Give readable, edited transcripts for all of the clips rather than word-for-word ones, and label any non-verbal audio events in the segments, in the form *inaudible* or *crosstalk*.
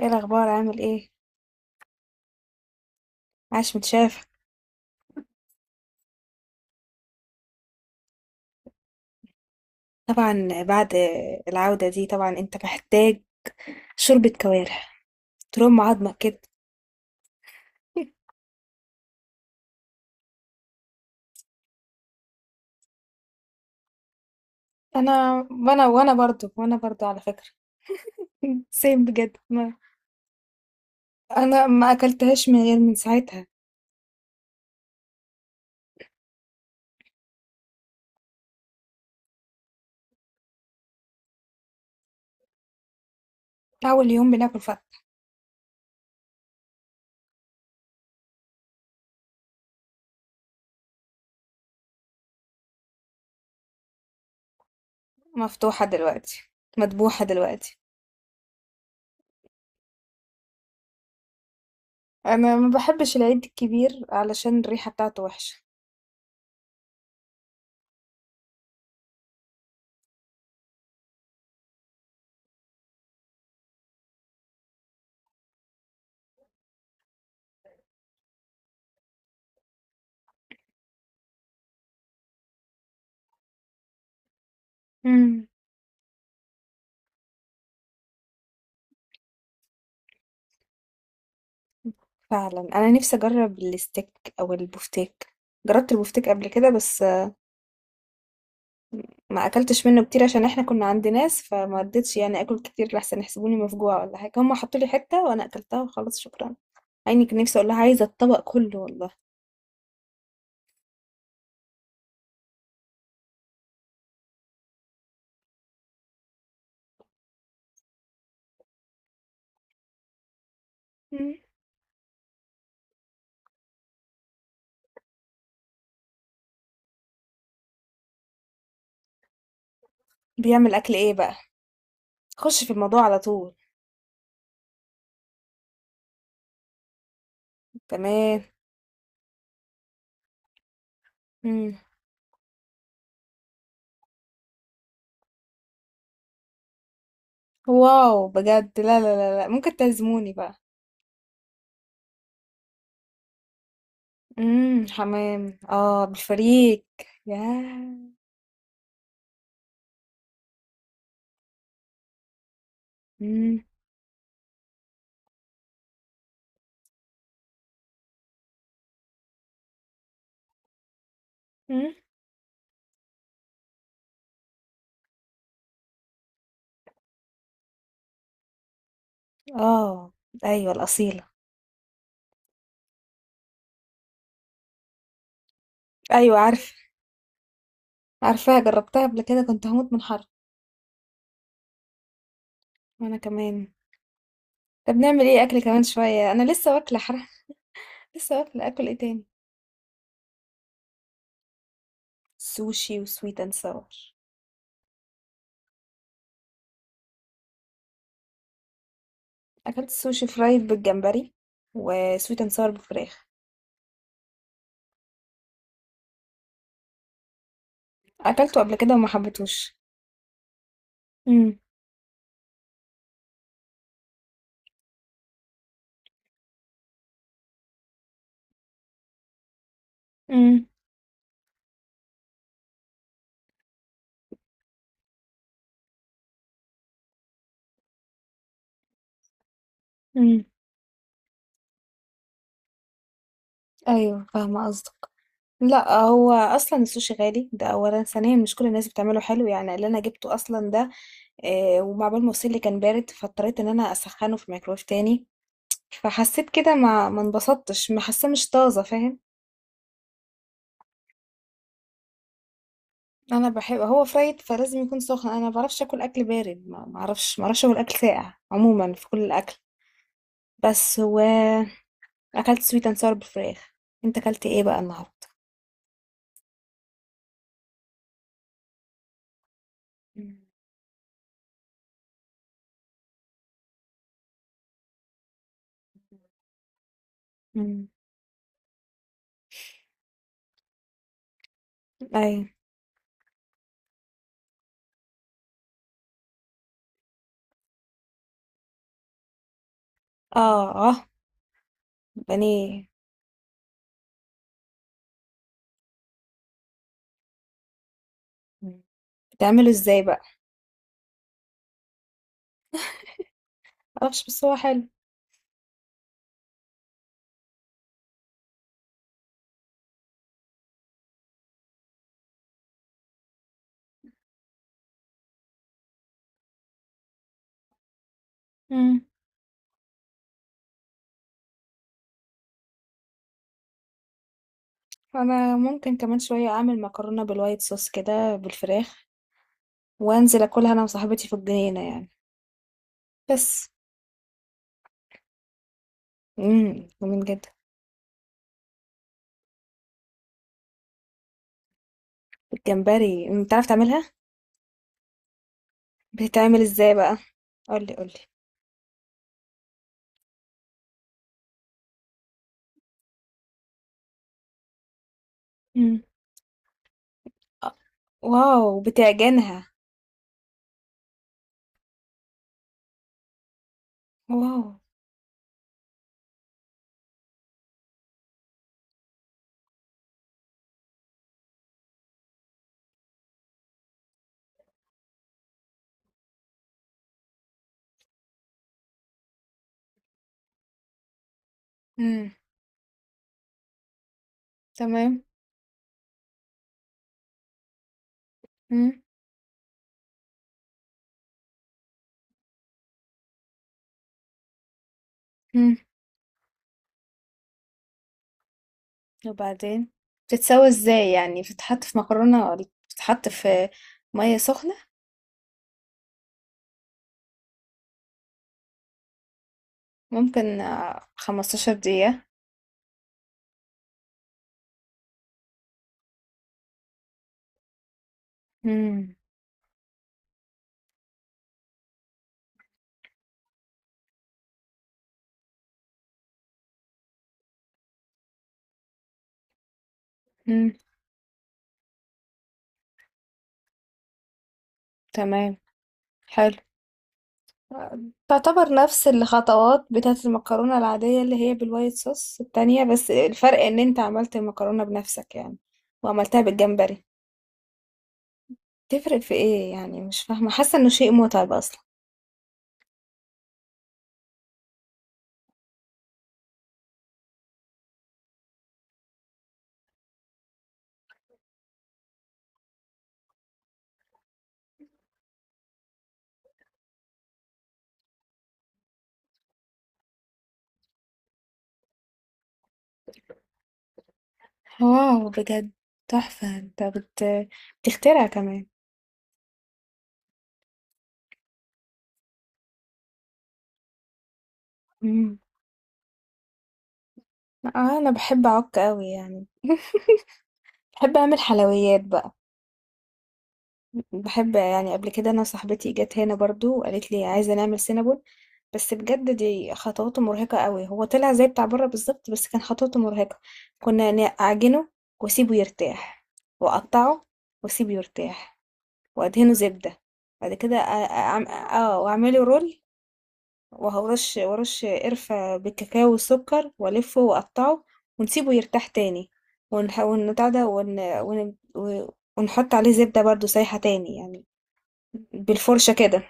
ايه الاخبار؟ عامل ايه؟ عاش، متشاف. طبعا بعد العودة دي طبعا انت محتاج شوربة كوارع ترم عظمك كده. *laughs* انا وانا وانا برضو وانا برضو على فكرة. *laughs* سيم بجد ما. انا ما اكلتهاش من غير من ساعتها. اول يوم بناكل فت... مفتوحة دلوقتي. مذبوحة دلوقتي. انا ما بحبش العيد الكبير علشان الريحة بتاعته وحشة. مم. فعلا انا نفسي اجرب الستيك او البفتيك. جربت البفتيك قبل كده بس ما اكلتش منه كتير عشان احنا كنا عند ناس، فما رضيتش يعني اكل كتير لحسن يحسبوني مفجوعه ولا حاجه. هم حطوا لي حته وانا اكلتها وخلاص، شكرا. عيني كان نفسي اقول لها عايزه الطبق كله والله. مم. بيعمل اكل ايه بقى؟ خش في الموضوع على طول. تمام. مم. واو بجد. لا لا لا لا، ممكن تعزموني بقى؟ امم، حمام اه بالفريك. ياه. امم. اه. ايوه الاصيله. ايوه عارف. عارفاها، جربتها قبل كده، كنت هموت من حر. وانا كمان. طب نعمل ايه؟ اكل كمان شوية؟ انا لسه واكلة حرام. لسه واكلة اكل ايه تاني؟ سوشي وسويت اند ساور. اكلت سوشي فرايد بالجمبري وسويت اند ساور بالفراخ. اكلته قبل كده وما حبيتهوش. امم. امم. امم. ايوه فاهمة قصدك. لا هو اصلا السوشي غالي ده اولا، ثانيا مش كل الناس بتعمله حلو، يعني اللي انا جبته اصلا ده ومع بال ما وصل لي كان بارد، فاضطريت ان انا اسخنه في ميكرويف تاني. فحسيت كده ما انبسطتش، ما حاسه مش طازه، فاهم. انا بحب هو فرايد فلازم يكون سخن. انا ما بعرفش اكل اكل بارد، ما اعرفش، ما اعرفش اكل اكل ساقع عموما في كل الاكل. بس هو اكلت سويت اند ساور بالفراخ. انت اكلت ايه بقى النهارده؟ مم. مم. اي. اه. اه. بانيه. مم. بتعمله ازاي بقى؟ معرفش بس هو حلو. مم. انا ممكن كمان شويه اعمل مكرونه بالوايت صوص كده بالفراخ وانزل اكلها انا وصاحبتي في الجنينه يعني. بس امم، جميل جدا. الجمبري انت عارف تعملها؟ بتتعمل ازاي بقى؟ قولي قولي. مم. آه، واو بتعجنها! واو. مم. تمام. مم. مم. وبعدين؟ بتتسوى ازاي يعني؟ بتتحط في مكرونة ولا بتتحط في مية سخنة؟ ممكن 15 دقيقة. مم. مم. تمام. حلو. آه، تعتبر نفس الخطوات بتاعة المكرونة العادية اللي هي بالوايت صوص التانية، بس الفرق ان انت عملت المكرونة بنفسك يعني. وعملتها بالجمبري. تفرق في إيه يعني؟ مش فاهمة، حاسة إنه شيء متعب أصلًا. واو بجد، تحفة. انت بت... بتخترع كمان؟ مم. أنا بحب أعك أوي يعني. *laughs* بحب أعمل حلويات بقى. بحب يعني. قبل كده أنا صاحبتي جت هنا برضو وقالت لي عايزة نعمل سينابون، بس بجد دي خطواته مرهقة أوي. هو طلع زي بتاع بره بالظبط، بس كان خطواته مرهقة. كنا نعجنه وأسيبه يرتاح، وأقطعه وأسيبه يرتاح، وادهنه زبدة. بعد كده واعمله رول، وهرش ورش قرفة بالكاكاو والسكر، والفه واقطعه. ونسيبه يرتاح تاني. ونح... ونبتاع ده ون... ون... و- ونحط عليه زبدة برضو سايحة تاني يعني، بالفرشة كده.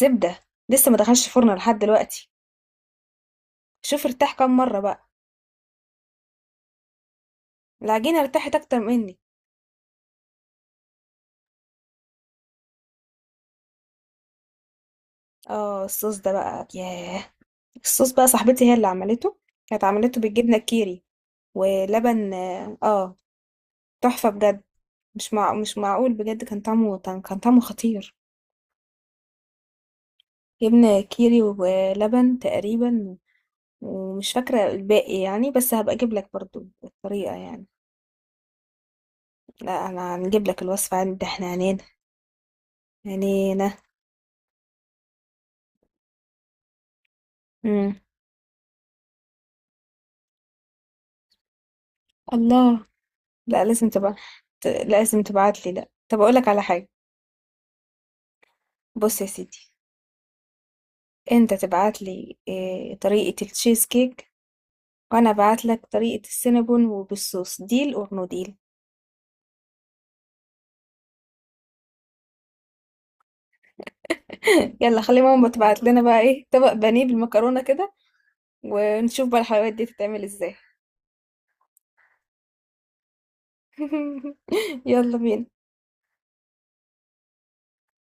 زبدة. لسه ما دخلش الفرن لحد دلوقتي. شوف ارتاح كام مرة بقى. العجينة ارتاحت اكتر مني. اه الصوص ده بقى، ياه. الصوص بقى صاحبتي هي اللي عملته. كانت عملته بالجبنة الكيري ولبن. اه، تحفة بجد. مش مع... مش معقول بجد، كان طعمه، كان طعمه خطير. جبنة كيري ولبن تقريبا، ومش فاكرة الباقي يعني، بس هبقى اجيب لك برضو الطريقة يعني. لا انا هنجيب لك الوصفة، عندي احنا عنينا عنينا. مم. الله. لا لازم تبقى ت- لازم تبعت لي. لا طب اقول لك على حاجة. بص يا سيدي، انت تبعت لي إيه طريقة التشيز كيك، وانا ابعت لك طريقة السينابون وبالصوص، ديل اور نو ديل. *laughs* يلا خلي ماما تبعت لنا بقى ايه، طبق بانيه بالمكرونة كده، ونشوف بقى الحلويات دي تتعمل ازاي. *laughs* يلا بينا.